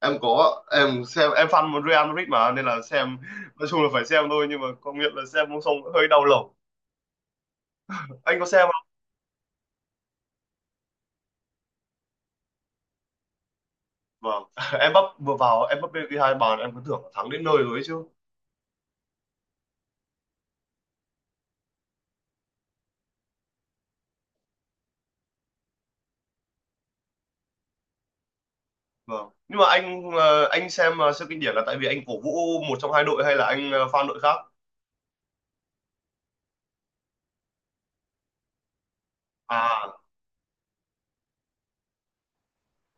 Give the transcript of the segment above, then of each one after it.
Em có, em xem. Em fan một Real Madrid mà nên là xem, nói chung là phải xem thôi nhưng mà công nhận là xem không xong hơi đau lòng. Anh có xem không? Vâng. Em bắp vừa vào, em bắp ghi hai bàn em cứ tưởng là thắng đến nơi rồi ấy chứ. Vâng nhưng mà anh xem siêu kinh điển là tại vì anh cổ vũ một trong hai đội hay là anh fan đội khác? À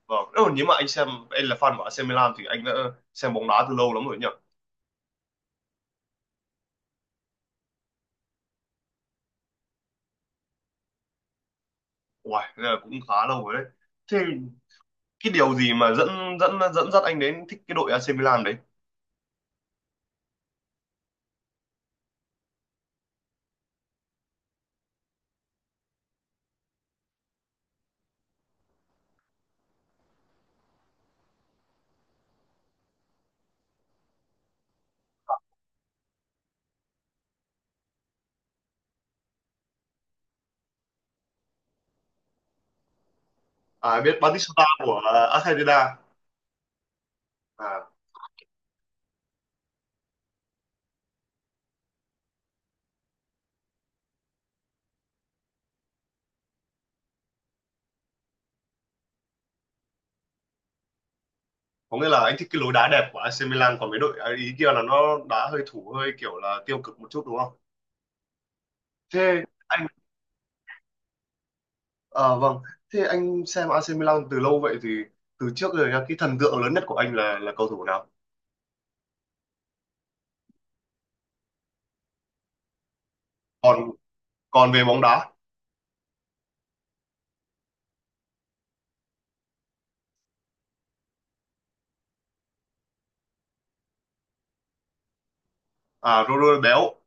vâng, nếu mà anh xem, anh là fan của AC Milan thì anh đã xem bóng đá từ lâu lắm rồi nhỉ. Uầy, thế là cũng khá lâu rồi đấy. Thế cái điều gì mà dẫn dẫn dẫn dắt anh đến thích cái đội AC Milan đấy? À, biết Batista của à, Argentina. À, có nghĩa là anh thích cái lối đá đẹp của AC Milan còn mấy đội à, ý kia là nó đá hơi thủ hơi kiểu là tiêu cực một chút đúng không? Thế anh, à, vâng, thế anh xem AC Milan từ lâu vậy thì từ trước rồi nhá, cái thần tượng lớn nhất của anh là cầu thủ nào? Còn còn về bóng đá. À Ronaldo béo.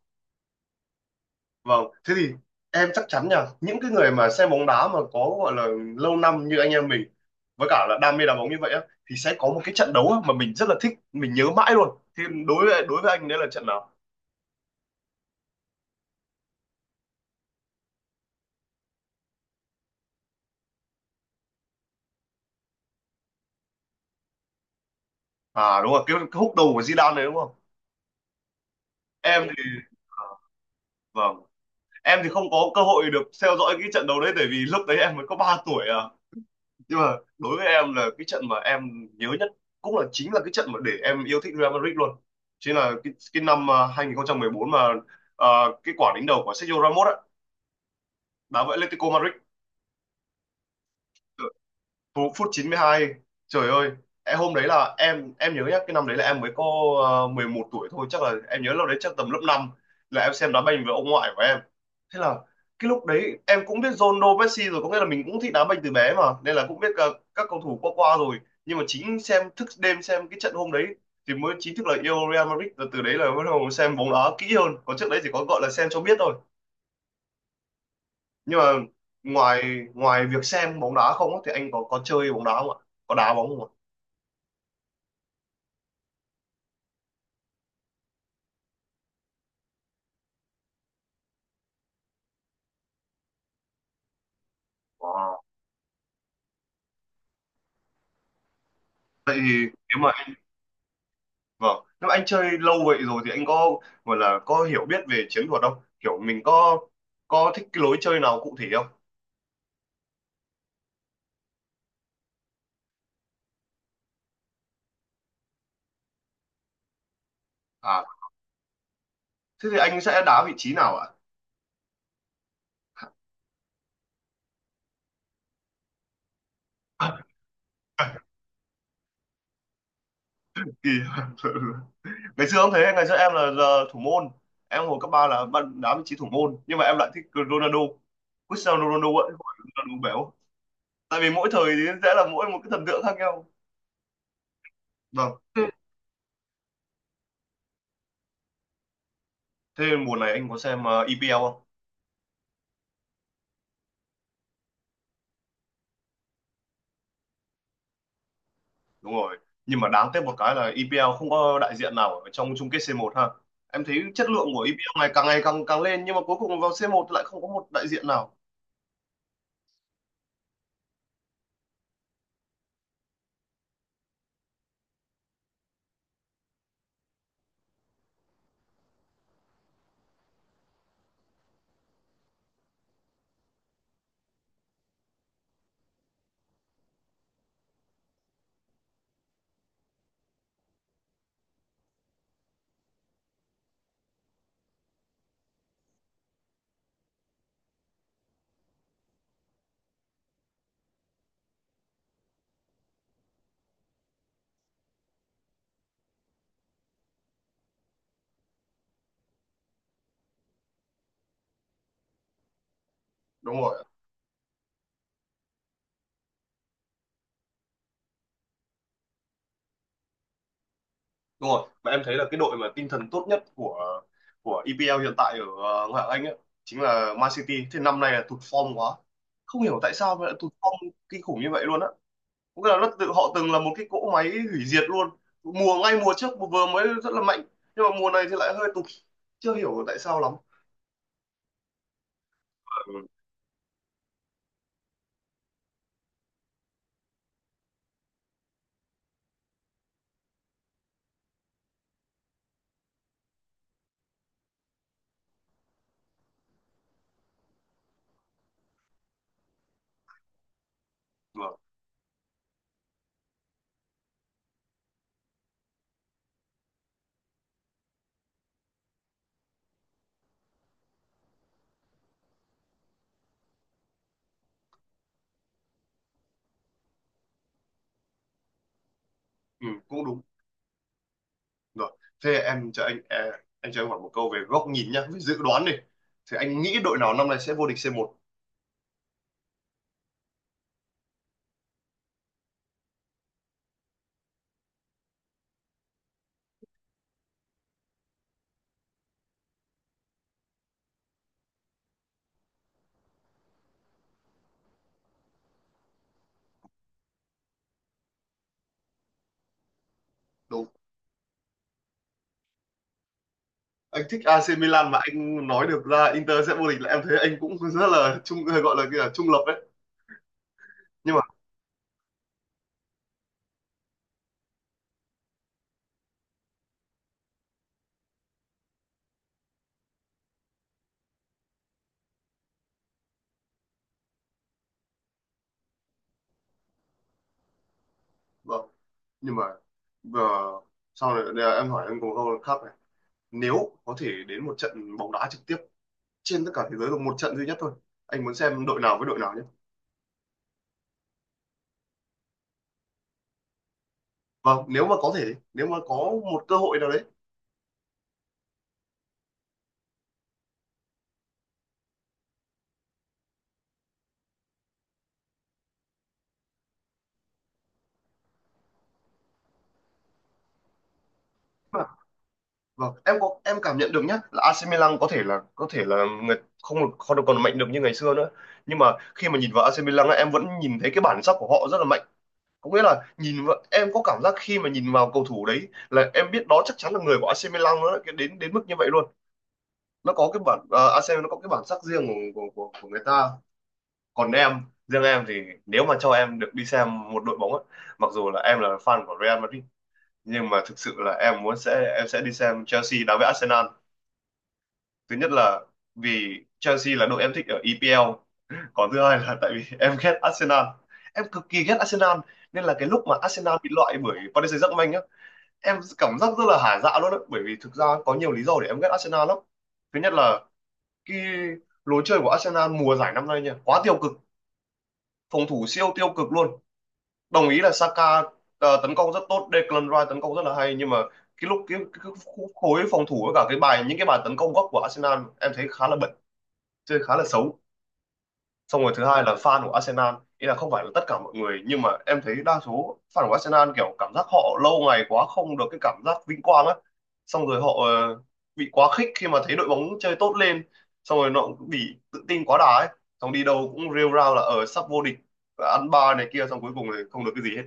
Vâng, thế thì em chắc chắn nha, những cái người mà xem bóng đá mà có gọi là lâu năm như anh em mình với cả là đam mê đá bóng như vậy á, thì sẽ có một cái trận đấu á mà mình rất là thích, mình nhớ mãi luôn. Thì đối với anh đấy là trận nào? À đúng rồi, cái húc đầu của Zidane đấy đúng không? Em thì, à, vâng, em thì không có cơ hội được theo dõi cái trận đấu đấy tại vì lúc đấy em mới có 3 tuổi à. Nhưng mà đối với em là cái trận mà em nhớ nhất cũng là chính là cái trận mà để em yêu thích Real Madrid luôn, chính là cái năm à, 2014 mà, à, cái quả đánh đầu của Sergio Ramos á, đá với Atletico Madrid. Phút 92, trời ơi. Em hôm đấy là em nhớ nhá, cái năm đấy là em mới có 11 tuổi thôi, chắc là em nhớ lúc đấy chắc tầm lớp năm, là em xem đá banh với ông ngoại của em. Thế là cái lúc đấy em cũng biết Ronaldo Messi rồi, có nghĩa là mình cũng thích đá banh từ bé mà nên là cũng biết cả các cầu thủ qua qua rồi. Nhưng mà chính xem thức đêm xem cái trận hôm đấy thì mới chính thức là yêu Real Madrid, từ từ đấy là bắt đầu xem bóng đá kỹ hơn còn trước đấy chỉ có gọi là xem cho biết thôi. Nhưng mà ngoài ngoài việc xem bóng đá không á, thì anh có chơi bóng đá không ạ, có đá bóng không ạ? Wow. Vậy thì nếu mà, vâng, nếu anh chơi lâu vậy rồi thì anh có gọi là có hiểu biết về chiến thuật không? Kiểu mình có thích cái lối chơi nào cụ thể không? À, thế thì anh sẽ đá vị trí nào ạ? Kỳ. Ngày xưa không thế, ngày xưa em là thủ môn. Em hồi cấp 3 là bạn đá vị trí thủ môn, nhưng mà em lại thích Ronaldo. Cristiano Ronaldo ấy, không phải Ronaldo béo. Tại vì mỗi thời thì sẽ là mỗi một cái thần tượng khác nhau. Vâng. Thế mùa này anh có xem EPL không? Đúng rồi, nhưng mà đáng tiếc một cái là EPL không có đại diện nào ở trong chung kết c một ha. Em thấy chất lượng của EPL này càng ngày càng càng lên nhưng mà cuối cùng vào c một lại không có một đại diện nào. Đúng rồi. Đúng rồi, mà em thấy là cái đội mà tinh thần tốt nhất của EPL hiện tại ở ngoại hạng Anh ấy, chính là Man City, thế năm nay là tụt form quá, không hiểu tại sao mà lại tụt form kinh khủng như vậy luôn á. Có nghĩa là nó tự họ từng là một cái cỗ máy hủy diệt luôn, ngay mùa trước vừa mới rất là mạnh nhưng mà mùa này thì lại hơi tụt, chưa hiểu tại sao lắm. Ừ. Ừ, cũng đúng rồi. Thế em cho anh, à, anh cho em hỏi một câu về góc nhìn nhá, về dự đoán đi, thì anh nghĩ đội nào năm nay sẽ vô địch C1? Đúng, anh thích AC Milan mà anh nói được ra Inter sẽ vô địch là em thấy anh cũng rất là trung, gọi là cái là trung lập đấy. Nhưng mà, vâng, nhưng mà ờ, sau này đây là em hỏi anh một câu khác này, nếu có thể đến một trận bóng đá trực tiếp trên tất cả thế giới được một trận duy nhất thôi, anh muốn xem đội nào với đội nào nhé? Vâng, nếu mà có thể, nếu mà có một cơ hội nào đấy. Vâng, em có, em cảm nhận được nhé là AC Milan có thể là, có thể là người không được, còn mạnh được như ngày xưa nữa. Nhưng mà khi mà nhìn vào AC Milan á em vẫn nhìn thấy cái bản sắc của họ rất là mạnh. Có nghĩa là nhìn vào, em có cảm giác khi mà nhìn vào cầu thủ đấy là em biết đó chắc chắn là người của AC Milan, nó lại đến đến mức như vậy luôn. Nó có cái bản à, AC nó có cái bản sắc riêng của, của người ta. Còn em, riêng em thì nếu mà cho em được đi xem một đội bóng á, mặc dù là em là fan của Real Madrid nhưng mà thực sự là em muốn sẽ em sẽ đi xem Chelsea đá với Arsenal. Thứ nhất là vì Chelsea là đội em thích ở EPL, còn thứ hai là tại vì em ghét Arsenal, em cực kỳ ghét Arsenal. Nên là cái lúc mà Arsenal bị loại bởi Paris Saint-Germain nhá, em cảm giác rất là hả dạ luôn đấy, bởi vì thực ra có nhiều lý do để em ghét Arsenal lắm. Thứ nhất là cái lối chơi của Arsenal mùa giải năm nay nha, quá tiêu cực, phòng thủ siêu tiêu cực luôn. Đồng ý là Saka tấn công rất tốt, Declan Rice tấn công rất là hay, nhưng mà cái lúc cái khối phòng thủ với cả cái bài, những cái bài tấn công góc của Arsenal em thấy khá là bẩn, chơi khá là xấu. Xong rồi thứ hai là fan của Arsenal ý, là không phải là tất cả mọi người nhưng mà em thấy đa số fan của Arsenal kiểu cảm giác họ lâu ngày quá không được cái cảm giác vinh quang á, xong rồi họ bị quá khích khi mà thấy đội bóng chơi tốt lên, xong rồi nó cũng bị tự tin quá đà ấy, xong đi đâu cũng rêu rao là ở sắp vô địch và ăn ba này kia xong cuối cùng thì không được cái gì hết.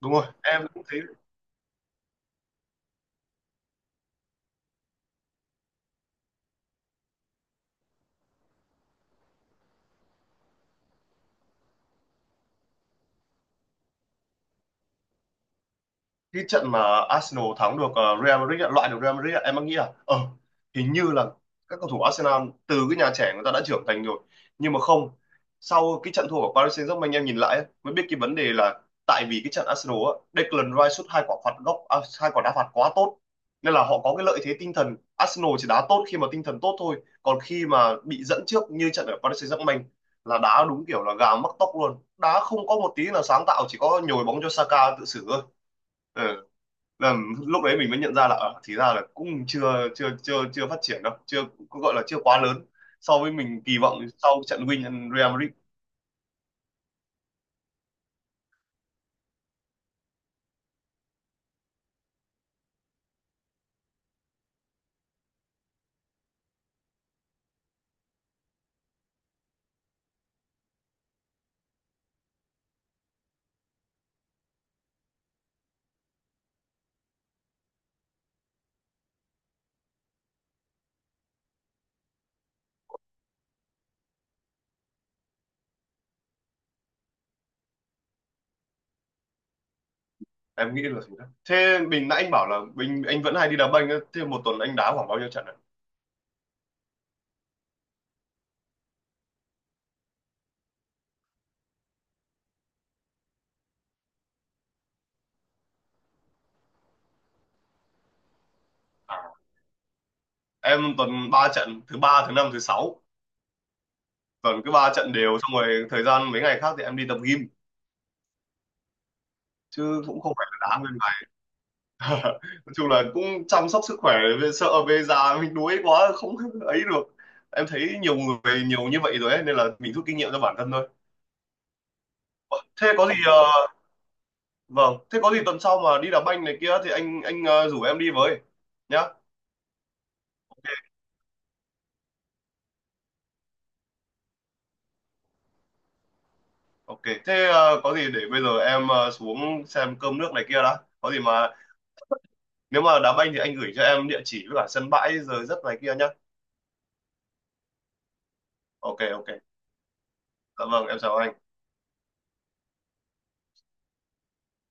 Đúng rồi, em cũng thấy. Cái trận mà Arsenal thắng được Real Madrid ạ, loại được Real Madrid ạ, em đang nghĩ là hình như là các cầu thủ Arsenal từ cái nhà trẻ người ta đã trưởng thành rồi. Nhưng mà không, sau cái trận thua của Paris Saint-Germain em nhìn lại ấy, mới biết cái vấn đề là tại vì cái trận Arsenal á, Declan Rice sút hai quả phạt góc, à, hai quả đá phạt quá tốt nên là họ có cái lợi thế tinh thần. Arsenal chỉ đá tốt khi mà tinh thần tốt thôi, còn khi mà bị dẫn trước như trận ở Paris Saint-Germain là đá đúng kiểu là gà mắc tóc luôn, đá không có một tí là sáng tạo, chỉ có nhồi bóng cho Saka tự xử thôi. Ừ, là lúc đấy mình mới nhận ra là thì ra là cũng chưa chưa chưa chưa phát triển đâu, chưa cũng gọi là chưa quá lớn so với mình kỳ vọng sau trận win Real Madrid. Em nghĩ là thế đó, thế nãy anh bảo là anh vẫn hay đi đá banh á, thế một tuần anh đá khoảng bao nhiêu trận ạ? À? Em tuần ba trận, thứ ba thứ năm thứ sáu, tuần cứ ba trận đều, xong rồi thời gian mấy ngày khác thì em đi tập gym chứ cũng không phải là đá. Nói chung là cũng chăm sóc sức khỏe, về sợ về già mình đuối quá không ấy được. Em thấy nhiều người nhiều như vậy rồi ấy, nên là mình rút kinh nghiệm cho bản thân thôi. Thế có gì ờ, Vâng, thế có gì tuần sau mà đi đá banh này kia thì anh rủ em đi với nhá. Ok, thế có gì để bây giờ em xuống xem cơm nước này kia đã, có gì mà nếu mà đá banh thì anh gửi cho em địa chỉ với cả sân bãi giờ giấc này kia nhá. Ok ok, dạ vâng em chào anh.